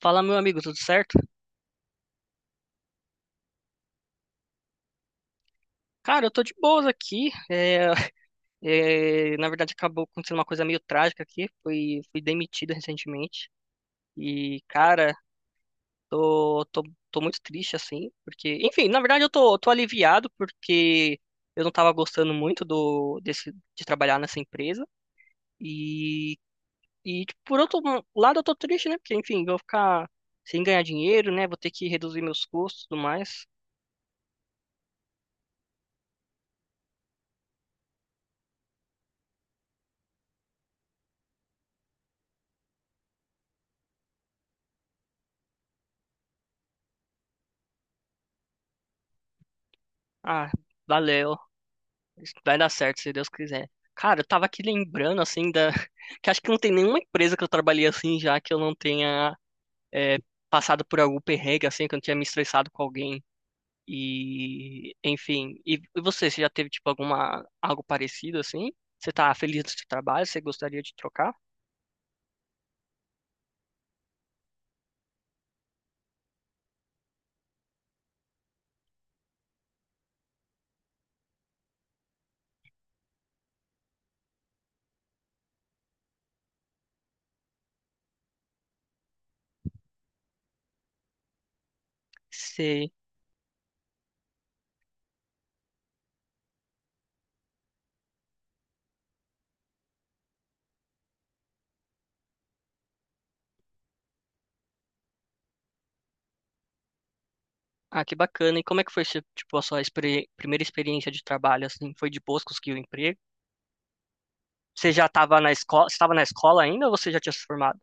Fala, meu amigo, tudo certo? Cara, eu tô de boas aqui. Na verdade, acabou acontecendo uma coisa meio trágica aqui. Fui demitido recentemente. E, cara, tô, tô, tô muito triste, assim. Porque, enfim, na verdade, eu tô aliviado porque eu não tava gostando muito de trabalhar nessa empresa. E, e, tipo, por outro lado, eu tô triste, né? Porque, enfim, vou ficar sem ganhar dinheiro, né? Vou ter que reduzir meus custos e tudo mais. Ah, valeu. Isso vai dar certo, se Deus quiser. Cara, eu tava aqui lembrando, assim, que acho que não tem nenhuma empresa que eu trabalhei assim já que eu não tenha é, passado por algum perrengue, assim, que eu não tinha me estressado com alguém. E, enfim. E você já teve, tipo, algo parecido, assim? Você tá feliz do seu trabalho? Você gostaria de trocar? Sei. Ah, que bacana. E como é que foi, tipo, a sua primeira experiência de trabalho, assim? Foi de boas, conseguiu o emprego? Você já estava na escola ainda ou você já tinha se formado?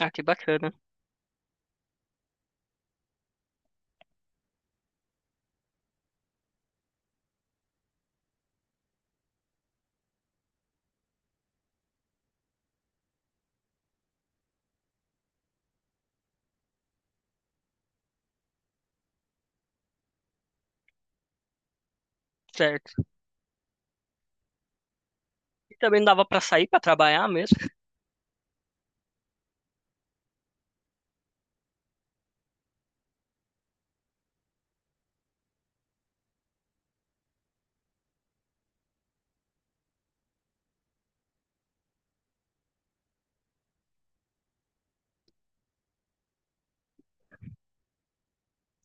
Ah, que bacana. Certo. E também dava para sair para trabalhar mesmo?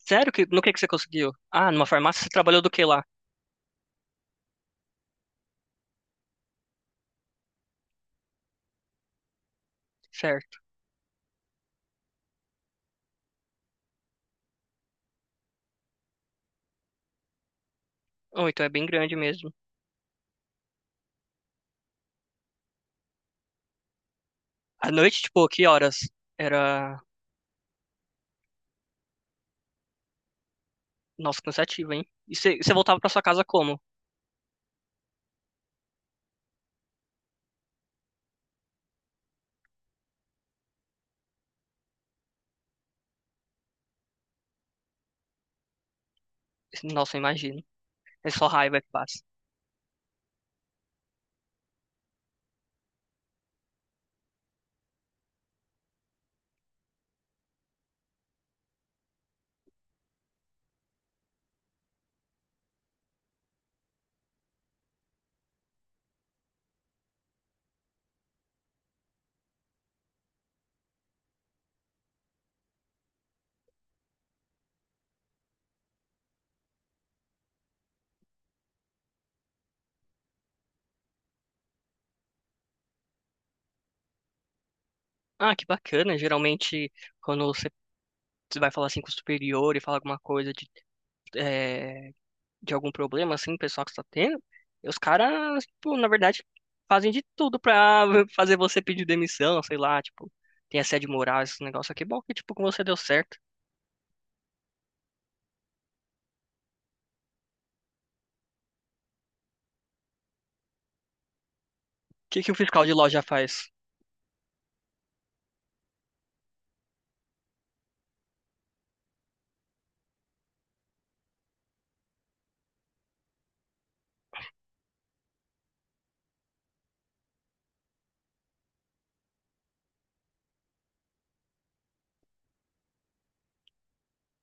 Sério? Que, no que você conseguiu? Ah, numa farmácia você trabalhou do que lá? Certo. Oh, então é bem grande mesmo. À noite, tipo, que horas? Era. Nossa, cansativo, hein? E você voltava para sua casa como? Nossa, eu imagino. É só raiva que passa. Ah, que bacana. Geralmente, quando você vai falar assim com o superior e falar alguma coisa eh, de algum problema, assim, pessoal que está tendo, e os caras, tipo, na verdade, fazem de tudo pra fazer você pedir demissão, sei lá, tipo, tem assédio moral, esse negócio aqui. Bom, que, tipo, com você deu certo. O que que o fiscal de loja faz?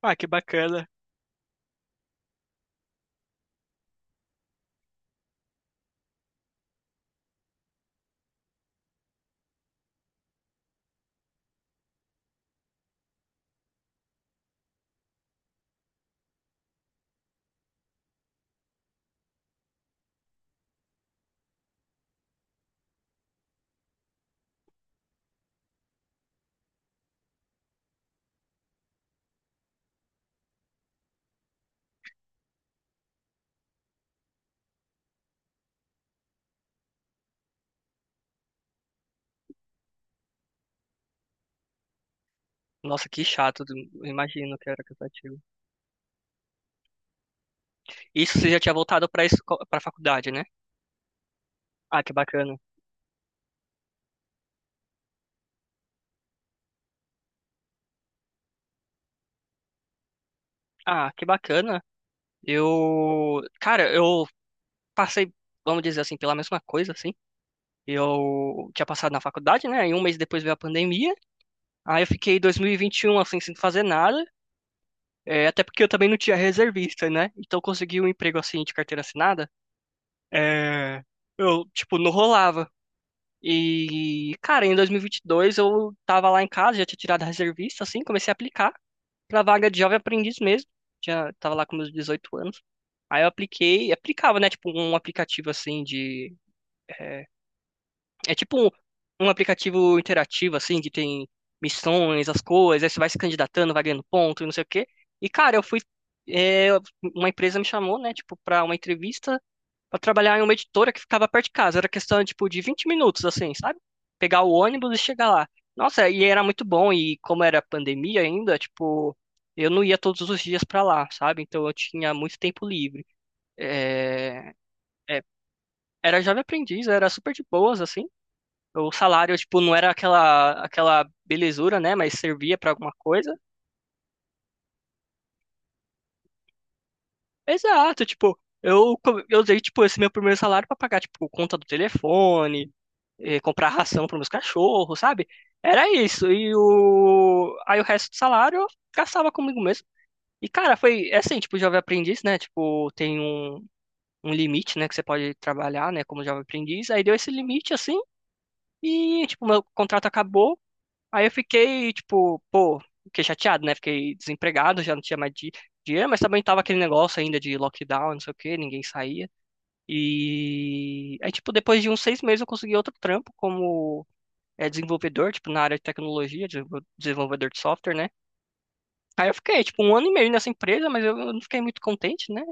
Ah, que bacana. Nossa, que chato, eu imagino que era cansativo. Isso você já tinha voltado pra, pra faculdade, né? Ah, que bacana. Ah, que bacana. Eu, cara, eu passei, vamos dizer assim, pela mesma coisa, assim. Eu tinha passado na faculdade, né? E um mês depois veio a pandemia. Aí eu fiquei 2021 assim sem fazer nada, até porque eu também não tinha reservista, né? Então eu consegui um emprego assim de carteira assinada, é, eu tipo não rolava. E cara, em 2022 eu tava lá em casa, já tinha tirado a reservista assim, comecei a aplicar pra vaga de jovem aprendiz mesmo. Já tava lá com meus 18 anos. Aí eu apliquei, aplicava, né, tipo um aplicativo assim é, É tipo um aplicativo interativo, assim, que tem missões, as coisas, aí você vai se candidatando, vai ganhando ponto e não sei o quê. E, cara, eu fui. é, uma empresa me chamou, né, tipo, pra uma entrevista pra trabalhar em uma editora que ficava perto de casa. Era questão, tipo, de 20 minutos, assim, sabe? Pegar o ônibus e chegar lá. Nossa, e era muito bom, e como era pandemia ainda, tipo, eu não ia todos os dias pra lá, sabe? Então eu tinha muito tempo livre. É, é, era jovem aprendiz, era super de boas, assim. O salário, tipo, não era aquela, aquela belezura, né? Mas servia pra alguma coisa. Exato, tipo, eu, eu usei, tipo, esse meu primeiro salário pra pagar, tipo, conta do telefone, comprar ração pros meus cachorros, sabe? Era isso. Aí o resto do salário eu gastava comigo mesmo. E, cara, foi assim, tipo, jovem aprendiz, né? Tipo, tem um limite, né? Que você pode trabalhar, né? Como jovem aprendiz. Aí deu esse limite, assim, e, tipo, meu contrato acabou. Aí eu fiquei, tipo, pô, fiquei chateado, né? Fiquei desempregado, já não tinha mais dinheiro, mas também tava aquele negócio ainda de lockdown, não sei o quê, ninguém saía. E aí, tipo, depois de uns seis meses eu consegui outro trampo como desenvolvedor, tipo, na área de tecnologia, desenvolvedor de software, né? Aí eu fiquei, tipo, um ano e meio nessa empresa, mas eu não fiquei muito contente, né?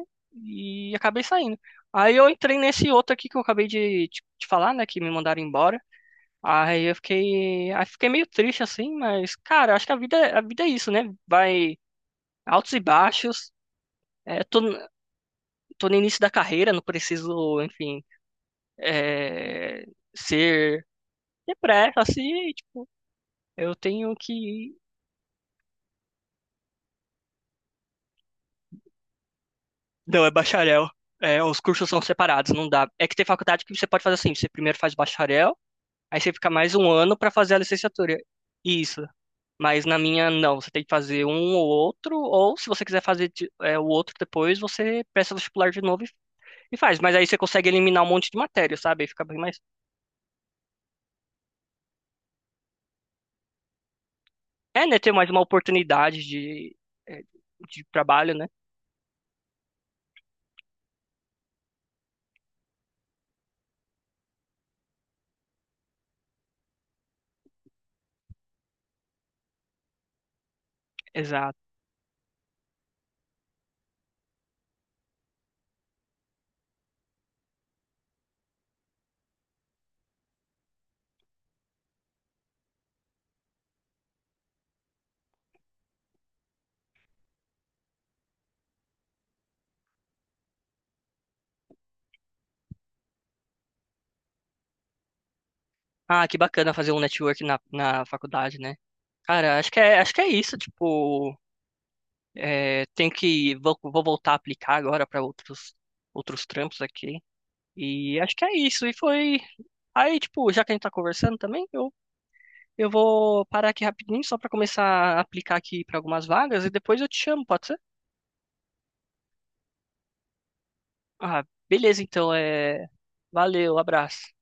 E acabei saindo. Aí eu entrei nesse outro aqui que eu acabei de te falar, né? Que me mandaram embora. Aí eu fiquei, aí fiquei meio triste assim, mas cara, acho que a vida é isso, né? Vai altos e baixos. É, tô no início da carreira, não preciso, enfim, é, ser depressa assim, tipo, eu tenho que. Não, é bacharel. É, os cursos são separados, não dá. É que tem faculdade que você pode fazer assim, você primeiro faz bacharel, aí você fica mais um ano pra fazer a licenciatura. Isso. Mas na minha, não. Você tem que fazer um ou outro, ou se você quiser fazer o outro depois, você presta vestibular de novo e faz. Mas aí você consegue eliminar um monte de matéria, sabe? Aí fica bem mais. É, né? Ter mais uma oportunidade é, de trabalho, né? Exato. Ah, que bacana fazer um network na faculdade, né? Cara, acho que é isso. Tipo, tem que. Vou voltar a aplicar agora para outros trampos aqui. E acho que é isso. E foi. Aí, tipo, já que a gente tá conversando também, eu vou parar aqui rapidinho só para começar a aplicar aqui para algumas vagas e depois eu te chamo, pode ser? Ah, beleza, então é. Valeu, abraço.